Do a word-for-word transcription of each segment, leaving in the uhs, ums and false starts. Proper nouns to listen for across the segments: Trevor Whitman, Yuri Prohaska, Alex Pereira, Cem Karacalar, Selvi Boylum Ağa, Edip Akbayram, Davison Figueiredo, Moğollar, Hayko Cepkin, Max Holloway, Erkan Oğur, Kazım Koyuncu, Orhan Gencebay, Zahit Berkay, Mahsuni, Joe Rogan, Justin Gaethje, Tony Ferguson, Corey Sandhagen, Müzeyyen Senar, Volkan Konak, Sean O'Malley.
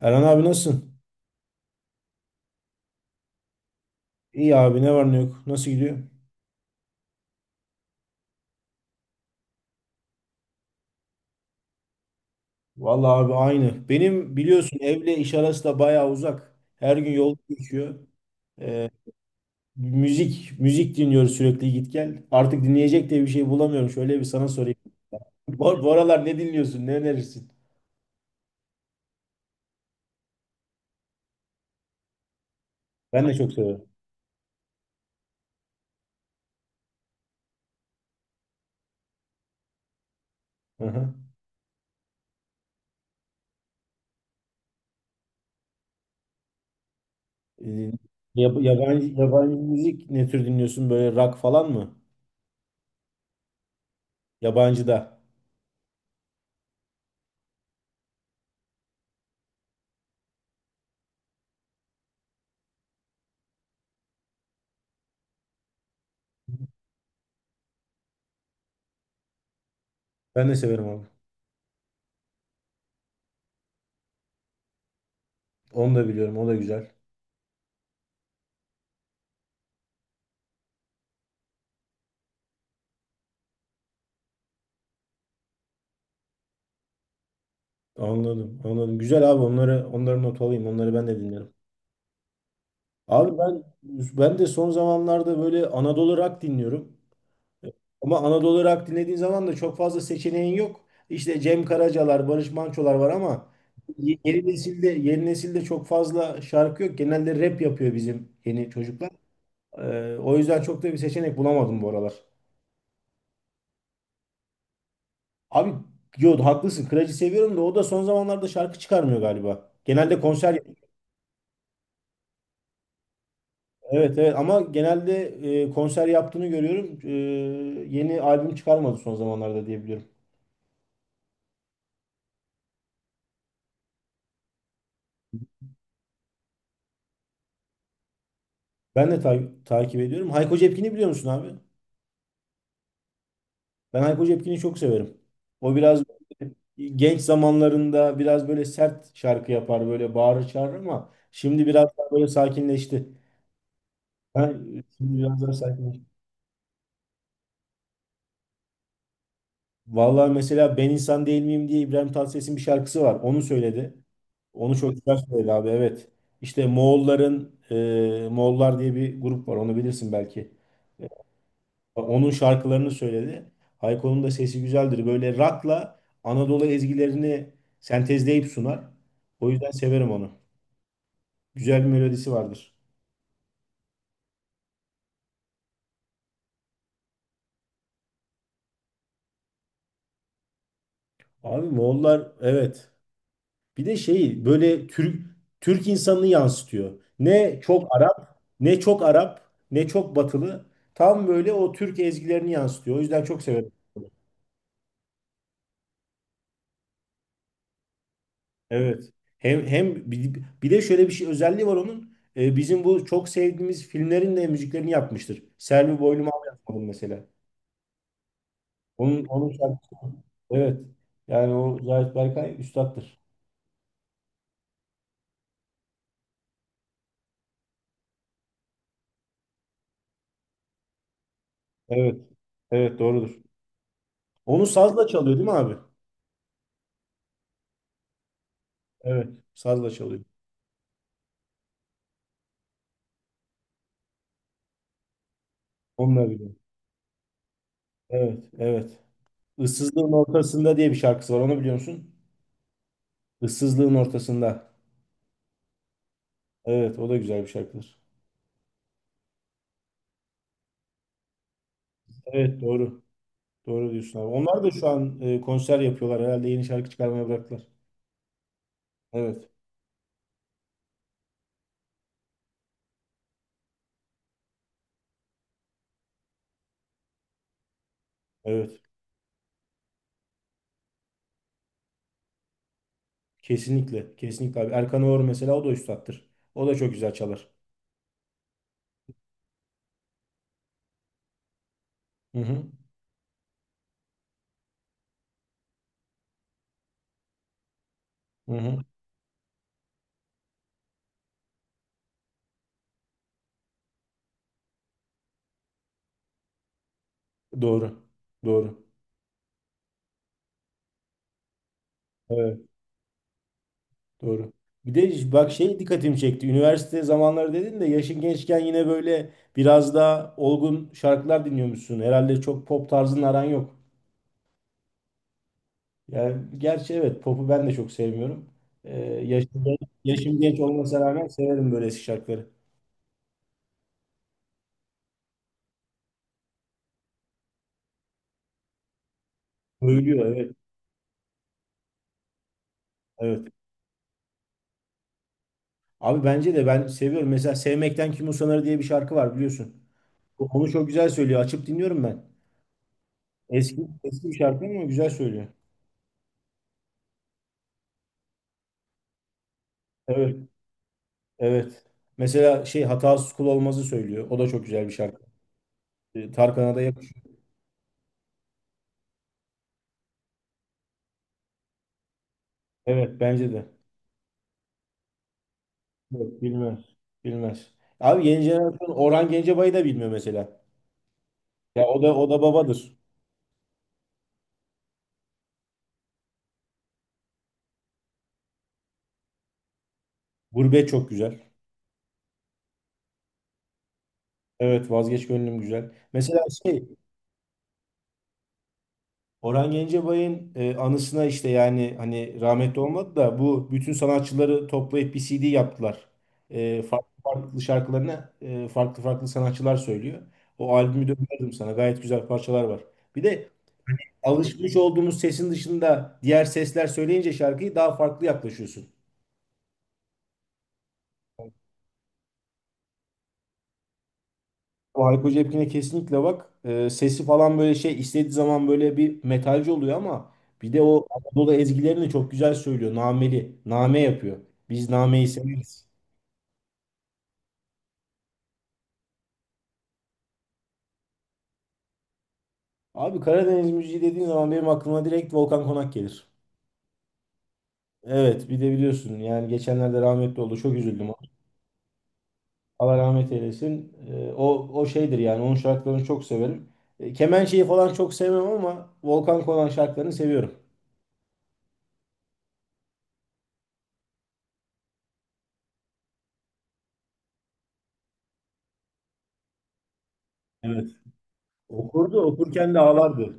Erhan abi nasılsın? İyi abi ne var ne yok. Nasıl gidiyor? Vallahi abi aynı. Benim biliyorsun evle iş arası da bayağı uzak. Her gün yol geçiyor. Ee, müzik müzik dinliyoruz sürekli git gel. Artık dinleyecek de bir şey bulamıyorum. Şöyle bir sana sorayım. Bu, bu aralar ne dinliyorsun? Ne önerirsin? Ben de çok severim. Hı hı. Ee, yab- yabancı yabancı müzik ne tür dinliyorsun? Böyle rock falan mı? Yabancı da. Ben de severim abi. Onu da biliyorum. O da güzel. Anladım, anladım. Güzel abi onları onları not alayım. Onları ben de dinlerim. Abi ben ben de son zamanlarda böyle Anadolu rock dinliyorum. Ama Anadolu rock dinlediğin zaman da çok fazla seçeneğin yok. İşte Cem Karacalar, Barış Manço'lar var ama y- yeni nesilde yeni nesilde çok fazla şarkı yok. Genelde rap yapıyor bizim yeni çocuklar. Ee, o yüzden çok da bir seçenek bulamadım bu aralar. Abi yo haklısın. Kıraç'ı seviyorum da o da son zamanlarda şarkı çıkarmıyor galiba. Genelde konser. Evet evet ama genelde e, konser yaptığını görüyorum. E, yeni albüm çıkarmadı son zamanlarda diye biliyorum. Ben de ta- takip ediyorum. Hayko Cepkin'i biliyor musun abi? Ben Hayko Cepkin'i çok severim. O biraz genç zamanlarında biraz böyle sert şarkı yapar, böyle bağırır çağırır ama şimdi biraz daha böyle sakinleşti. Ha, şimdi biraz daha sakinleşti. Vallahi mesela ben insan değil miyim diye İbrahim Tatlıses'in bir şarkısı var. Onu söyledi. Onu çok güzel söyledi abi evet. İşte Moğolların e, Moğollar diye bir grup var onu bilirsin belki. E, Onun şarkılarını söyledi. Hayko'nun da sesi güzeldir. Böyle rock'la Anadolu ezgilerini sentezleyip sunar. O yüzden severim onu. Güzel bir melodisi vardır. Abi Moğollar evet. Bir de şeyi böyle Türk Türk insanını yansıtıyor. Ne çok Arap, ne çok Arap, ne çok Batılı. Tam böyle o Türk ezgilerini yansıtıyor. O yüzden çok severim. Evet. Hem hem bir bir de şöyle bir şey özelliği var onun. Ee, bizim bu çok sevdiğimiz filmlerin de müziklerini yapmıştır. Selvi Boylum Ağa yapmadım mesela. Onun onun şarkısı. Evet. Yani o Zahit Berkay üstattır. Evet. Evet doğrudur. Onu sazla çalıyor değil mi abi? Evet. Sazla çalıyor. Onunla biliyorum. Evet, evet. Issızlığın ortasında diye bir şarkısı var. Onu biliyor musun? Issızlığın ortasında. Evet, o da güzel bir şarkıdır. Evet, doğru. Doğru diyorsun abi. Onlar da şu an e, konser yapıyorlar. Herhalde yeni şarkı çıkarmaya bıraktılar. Evet, evet. Kesinlikle, kesinlikle abi. Erkan Oğur mesela o da üstattır. O da çok güzel çalar. Hı hı, hı hı. Doğru, doğru. Evet. Doğru. Bir de bak şey dikkatimi çekti. Üniversite zamanları dedin de yaşın gençken yine böyle biraz daha olgun şarkılar dinliyormuşsun. Herhalde çok pop tarzının aran yok. Yani gerçi evet popu ben de çok sevmiyorum. Ee, yaşım, genç, yaşım genç olmasına rağmen severim böyle eski şarkıları. Söylüyor evet. Evet. Abi bence de ben seviyorum. Mesela Sevmekten Kim Usanır diye bir şarkı var biliyorsun. Onu çok güzel söylüyor. Açıp dinliyorum ben. Eski eski bir şarkı ama güzel söylüyor. Evet. Evet. Mesela şey hatasız kul olmazı söylüyor. O da çok güzel bir şarkı. E, Tarkan'a da yakışıyor. Evet bence de. Yok, bilmez. Bilmez. Abi yeni jenerasyon Orhan Gencebay'ı da bilmiyor mesela. Ya o da o da babadır. Gurbet çok güzel. Evet vazgeç gönlüm güzel. Mesela şey Orhan Gencebay'ın e, anısına işte yani hani rahmetli olmadı da bu bütün sanatçıları toplayıp bir C D yaptılar. E, farklı farklı şarkılarına e, farklı farklı sanatçılar söylüyor. O albümü de öneririm sana. Gayet güzel parçalar var. Bir de alışmış olduğumuz sesin dışında diğer sesler söyleyince şarkıyı daha farklı yaklaşıyorsun. O Hayko Cepkin'e kesinlikle bak. Ee, sesi falan böyle şey istediği zaman böyle bir metalci oluyor ama bir de o Anadolu ezgilerini çok güzel söylüyor. Nameli. Name yapıyor. Biz nameyi severiz. Abi Karadeniz müziği dediğin zaman benim aklıma direkt Volkan Konak gelir. Evet bir de biliyorsun yani geçenlerde rahmetli oldu. Çok üzüldüm ona. Allah rahmet eylesin. Ee, o, o şeydir yani onun şarkılarını çok severim. E, Kemençeyi falan çok sevmem ama Volkan Konak şarkılarını seviyorum. Evet. Okurdu okurken de ağlardı.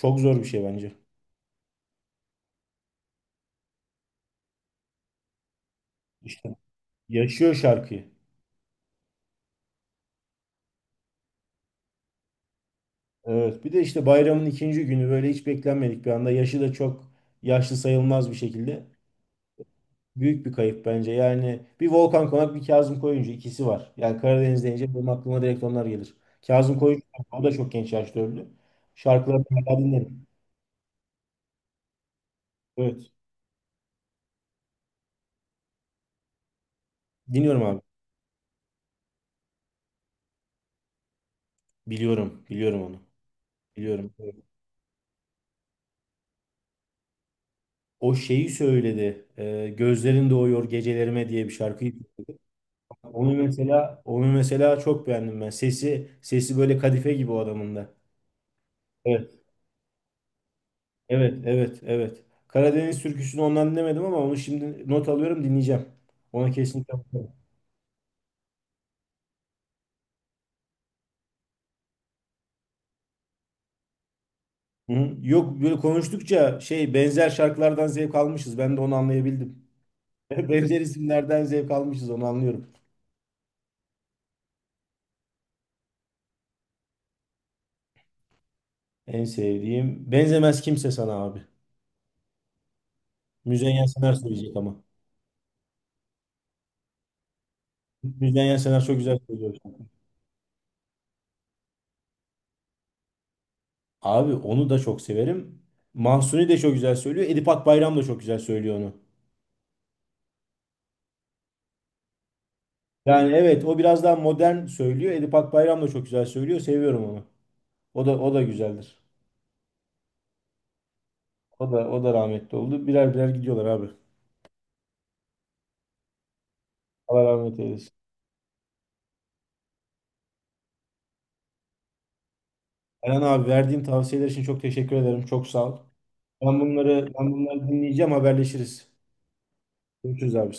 Çok zor bir şey bence. İşte yaşıyor şarkıyı. Evet. Bir de işte bayramın ikinci günü böyle hiç beklenmedik bir anda. Yaşı da çok yaşlı sayılmaz bir şekilde. Büyük bir kayıp bence. Yani bir Volkan Konak bir Kazım Koyuncu ikisi var. Yani Karadeniz deyince benim aklıma direkt onlar gelir. Kazım Koyuncu o da çok genç yaşta öldü. Şarkılarını hala dinlerim. Evet. Dinliyorum abi. Biliyorum. Biliyorum onu. Biliyorum. Evet. O şeyi söyledi. e, Gözlerin Doğuyor Gecelerime diye bir şarkıyı. Onu mesela onu mesela çok beğendim ben. Sesi sesi böyle kadife gibi o adamın da. Evet, evet, evet, evet. Karadeniz türküsünü ondan dinlemedim ama onu şimdi not alıyorum dinleyeceğim. Ona kesinlikle bakarım. Hı hı. Yok böyle konuştukça şey benzer şarkılardan zevk almışız. Ben de onu anlayabildim. Benzer isimlerden zevk almışız onu anlıyorum. En sevdiğim Benzemez Kimse Sana abi. Müzeyyen Senar söyleyecek ama. Müzeyyen Senar çok güzel söylüyor. Abi onu da çok severim. Mahsuni de çok güzel söylüyor. Edip Akbayram da çok güzel söylüyor onu. Yani evet o biraz daha modern söylüyor. Edip Akbayram da çok güzel söylüyor. Seviyorum onu. O da o da güzeldir. O da o da rahmetli oldu. Birer birer gidiyorlar abi. Allah rahmet eylesin. Eren abi verdiğin tavsiyeler için çok teşekkür ederim. Çok sağ ol. Ben bunları ben bunları dinleyeceğim. Haberleşiriz. Görüşürüz abi.